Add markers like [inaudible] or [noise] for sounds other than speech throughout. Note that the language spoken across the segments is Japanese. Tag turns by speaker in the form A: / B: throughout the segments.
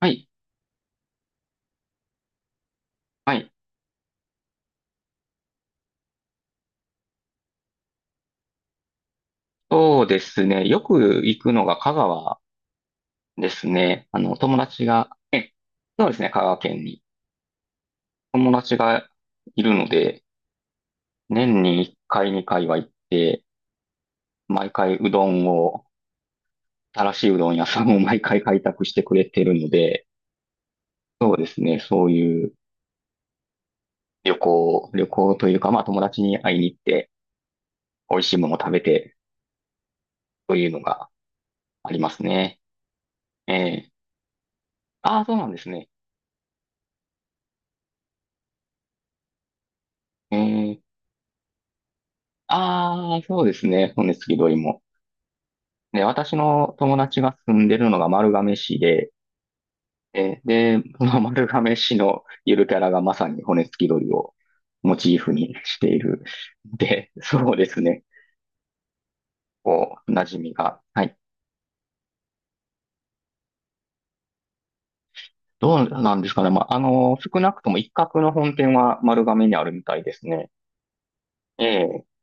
A: はい。はい。そうですね。よく行くのが香川ですね。友達が、そうですね。香川県に。友達がいるので、年に1回、2回は行って、毎回うどんを、新しいうどん屋さんを [laughs] 毎回開拓してくれてるので、そうですね。そういう旅行というか、まあ友達に会いに行って、美味しいものを食べて、というのがありますね。ええ、ああ、そうなんですね。ええ、ああ、そうですね。骨付き鳥も。で、私の友達が住んでるのが丸亀市で、で、その [laughs] 丸亀市のゆるキャラがまさに骨付き鳥をモチーフにしている。で、[laughs] そうですね。こう、馴染みが。はい。どうなんですかね。まあ、少なくとも一角の本店は丸亀にあるみたいですね。ええ。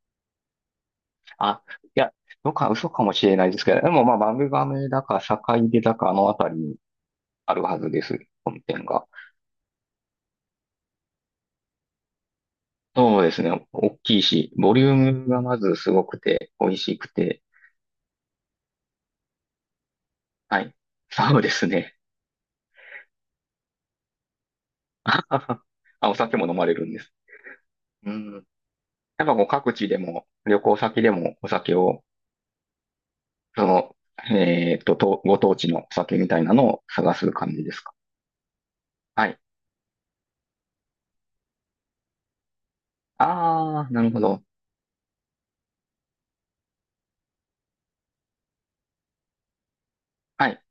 A: あ、いや、どっか嘘かもしれないですけど、でもまあ、丸亀だか、坂出だか、あのあたりにあるはずです。本店が。そうですね。大きいし、ボリュームがまずすごくて、美味しくて。はい。そうですね。[laughs] あはは、あ、お酒も飲まれるんです。うん。なんかこう各地でも、旅行先でもお酒を、その、えっと、ご当地のお酒みたいなのを探す感じですか。はい。ああ、なるほど。はい。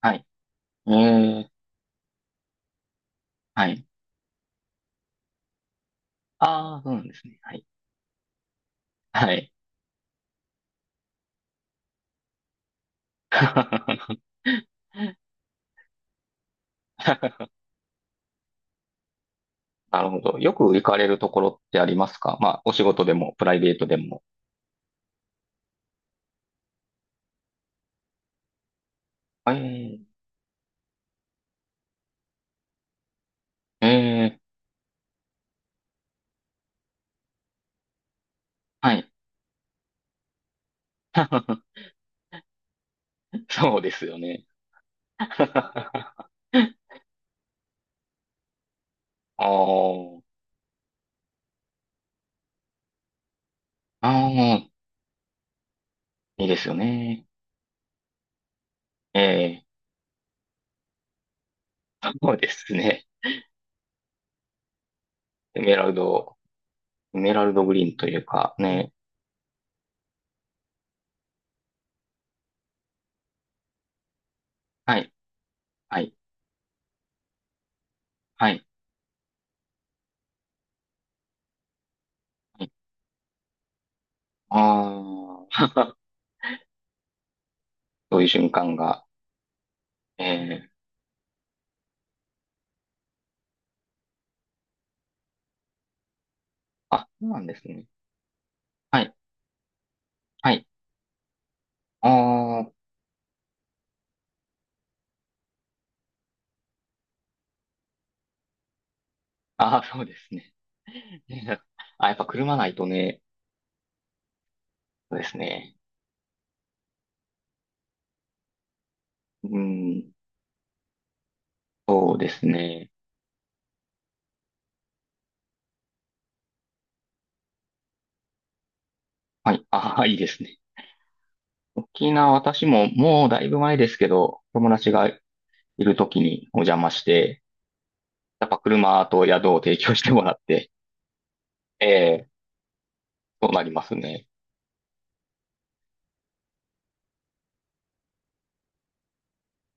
A: はい。えー、はい。ああ、そうなんですね。はい。はい。[laughs] なるほど。よく行かれるところってありますか、まあ、お仕事でもプライベートでも。ええ、ええ、はい。[laughs] そうですよね。[laughs] ああ、ああ、いいですよね。ええ、そうですね。エメラルド、エメラルドグリーンというかね。はい、はい、はい、はい。ああ、[laughs] そういう瞬間が。ええ、あ、そうなんですね。はい、はい。あー、あー、そうですね。[laughs] あ、やっぱ車ないとね、そうですね。うん、そうですね。はい。ああ、いいですね。沖縄、私ももうだいぶ前ですけど、友達がいる時にお邪魔して、やっぱ車と宿を提供してもらって、ええ、そうなりますね。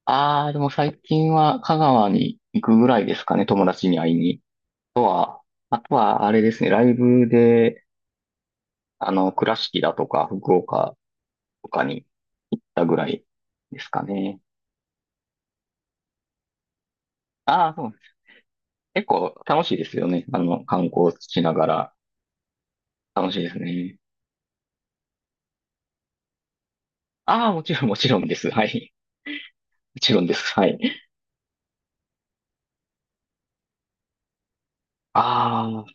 A: ああ、でも最近は香川に行くぐらいですかね、友達に会いに。あとは、あとはあれですね、ライブで、倉敷だとか福岡とかに行ったぐらいですかね。ああ、そうです。結構楽しいですよね。観光しながら楽しいですね。ああ、もちろん、もちろんです。はい。もちろんです。はい。あ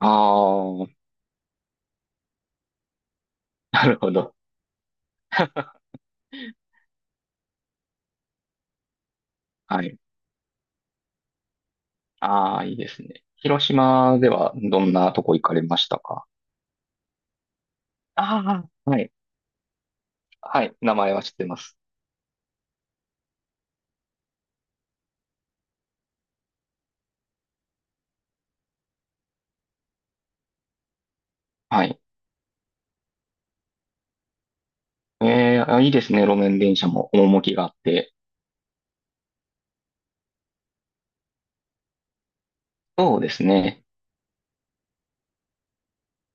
A: あ、ああ、なるほど。はい。ああ、いいですね。広島ではどんなとこ行かれましたか？ああ、はい。はい。名前は知ってます。はい。えー、あ、いいですね。路面電車も趣があって。そうですね。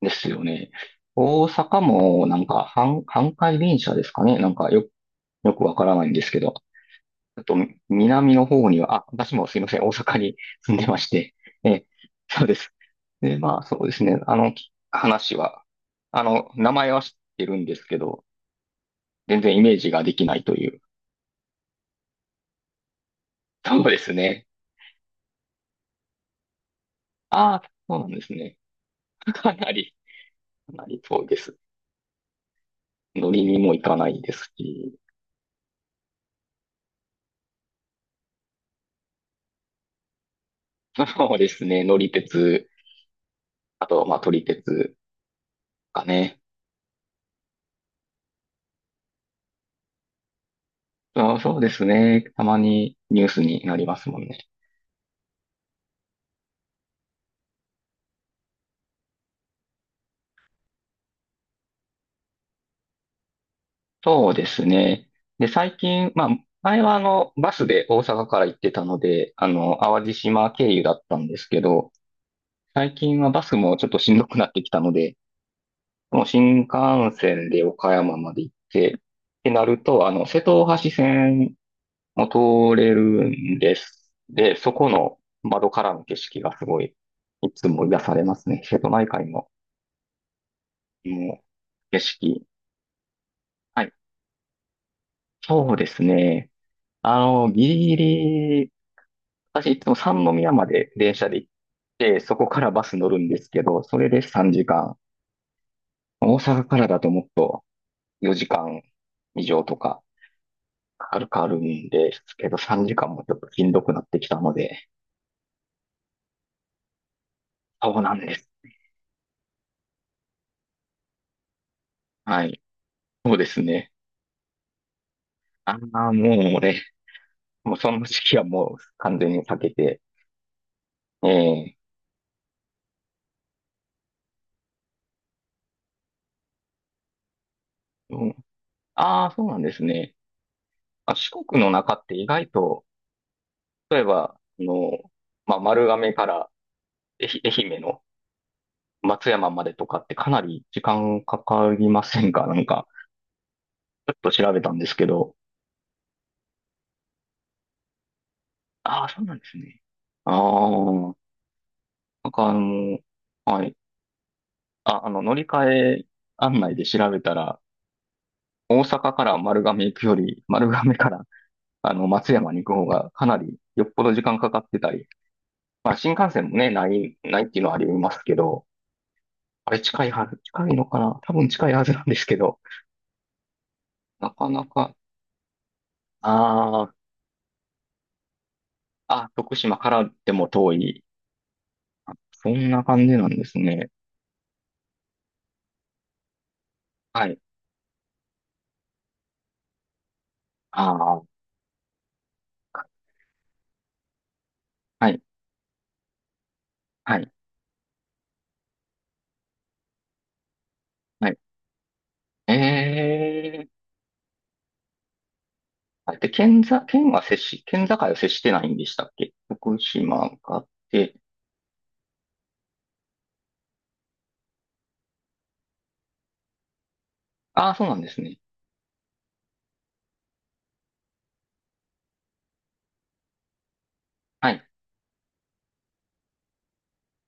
A: ですよね。大阪もなんか、阪堺電車ですかね。よくわからないんですけど。っと、南の方には、あ、私もすいません、大阪に [laughs] 住んでまして、ええ、そうです。で、まあ、そうですね、あの、き話は、あの、名前は知ってるんですけど、全然イメージができないという。そうですね。ああ、そうなんですね。[laughs] かなり、かなり遠いです。乗りにも行かないですし、[laughs] そうですね、乗り鉄、あと、まあ、撮り鉄かね。あ、そうですね、たまにニュースになりますもんね。そうですね。で、最近、まあ、前はバスで大阪から行ってたので、淡路島経由だったんですけど、最近はバスもちょっとしんどくなってきたので、もう新幹線で岡山まで行って、ってなると、瀬戸大橋線も通れるんです。で、そこの窓からの景色がすごい、いつも癒されますね。瀬戸内海の、もう、景色。はい。そうですね。あの、ギリギリ私いつも三宮まで電車で行って、そこからバス乗るんですけど、それで3時間。大阪からだともっと4時間以上とかかかるかあるんですけど、3時間もちょっとしんどくなってきたので、そうなんです。はい。そうですね。ああ、もうその時期はもう完全に避けて、ええ、うん、ああ、そうなんですね。あ、四国の中って意外と、例えば、あの、まあ、丸亀から愛媛愛媛の松山までとかってかなり時間かかりませんか？ [laughs] なんか、ちょっと調べたんですけど。ああ、そうなんですね。ああ、なんかあの、はい。あ、乗り換え案内で調べたら、大阪から丸亀行くより、丸亀から松山に行く方がかなりよっぽど時間かかってたり、まあ新幹線もね、ないっていうのはありますけど、あれ近いはず、近いのかな、多分近いはずなんですけど、なかなか、ああ、あ、徳島からでも遠いそんな感じなんですね。はい。ああ、はい、はい、はい。ええ、あれって県ざ、県は接し、県境は接してないんでしたっけ、福島があって、ああ、そうなんですね。はい、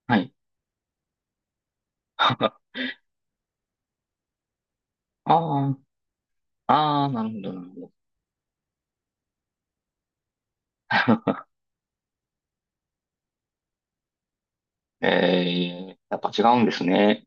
A: はい。[laughs] ああ、ああ、なるほど、なるほど。[laughs] ええ、やっぱ違うんですね。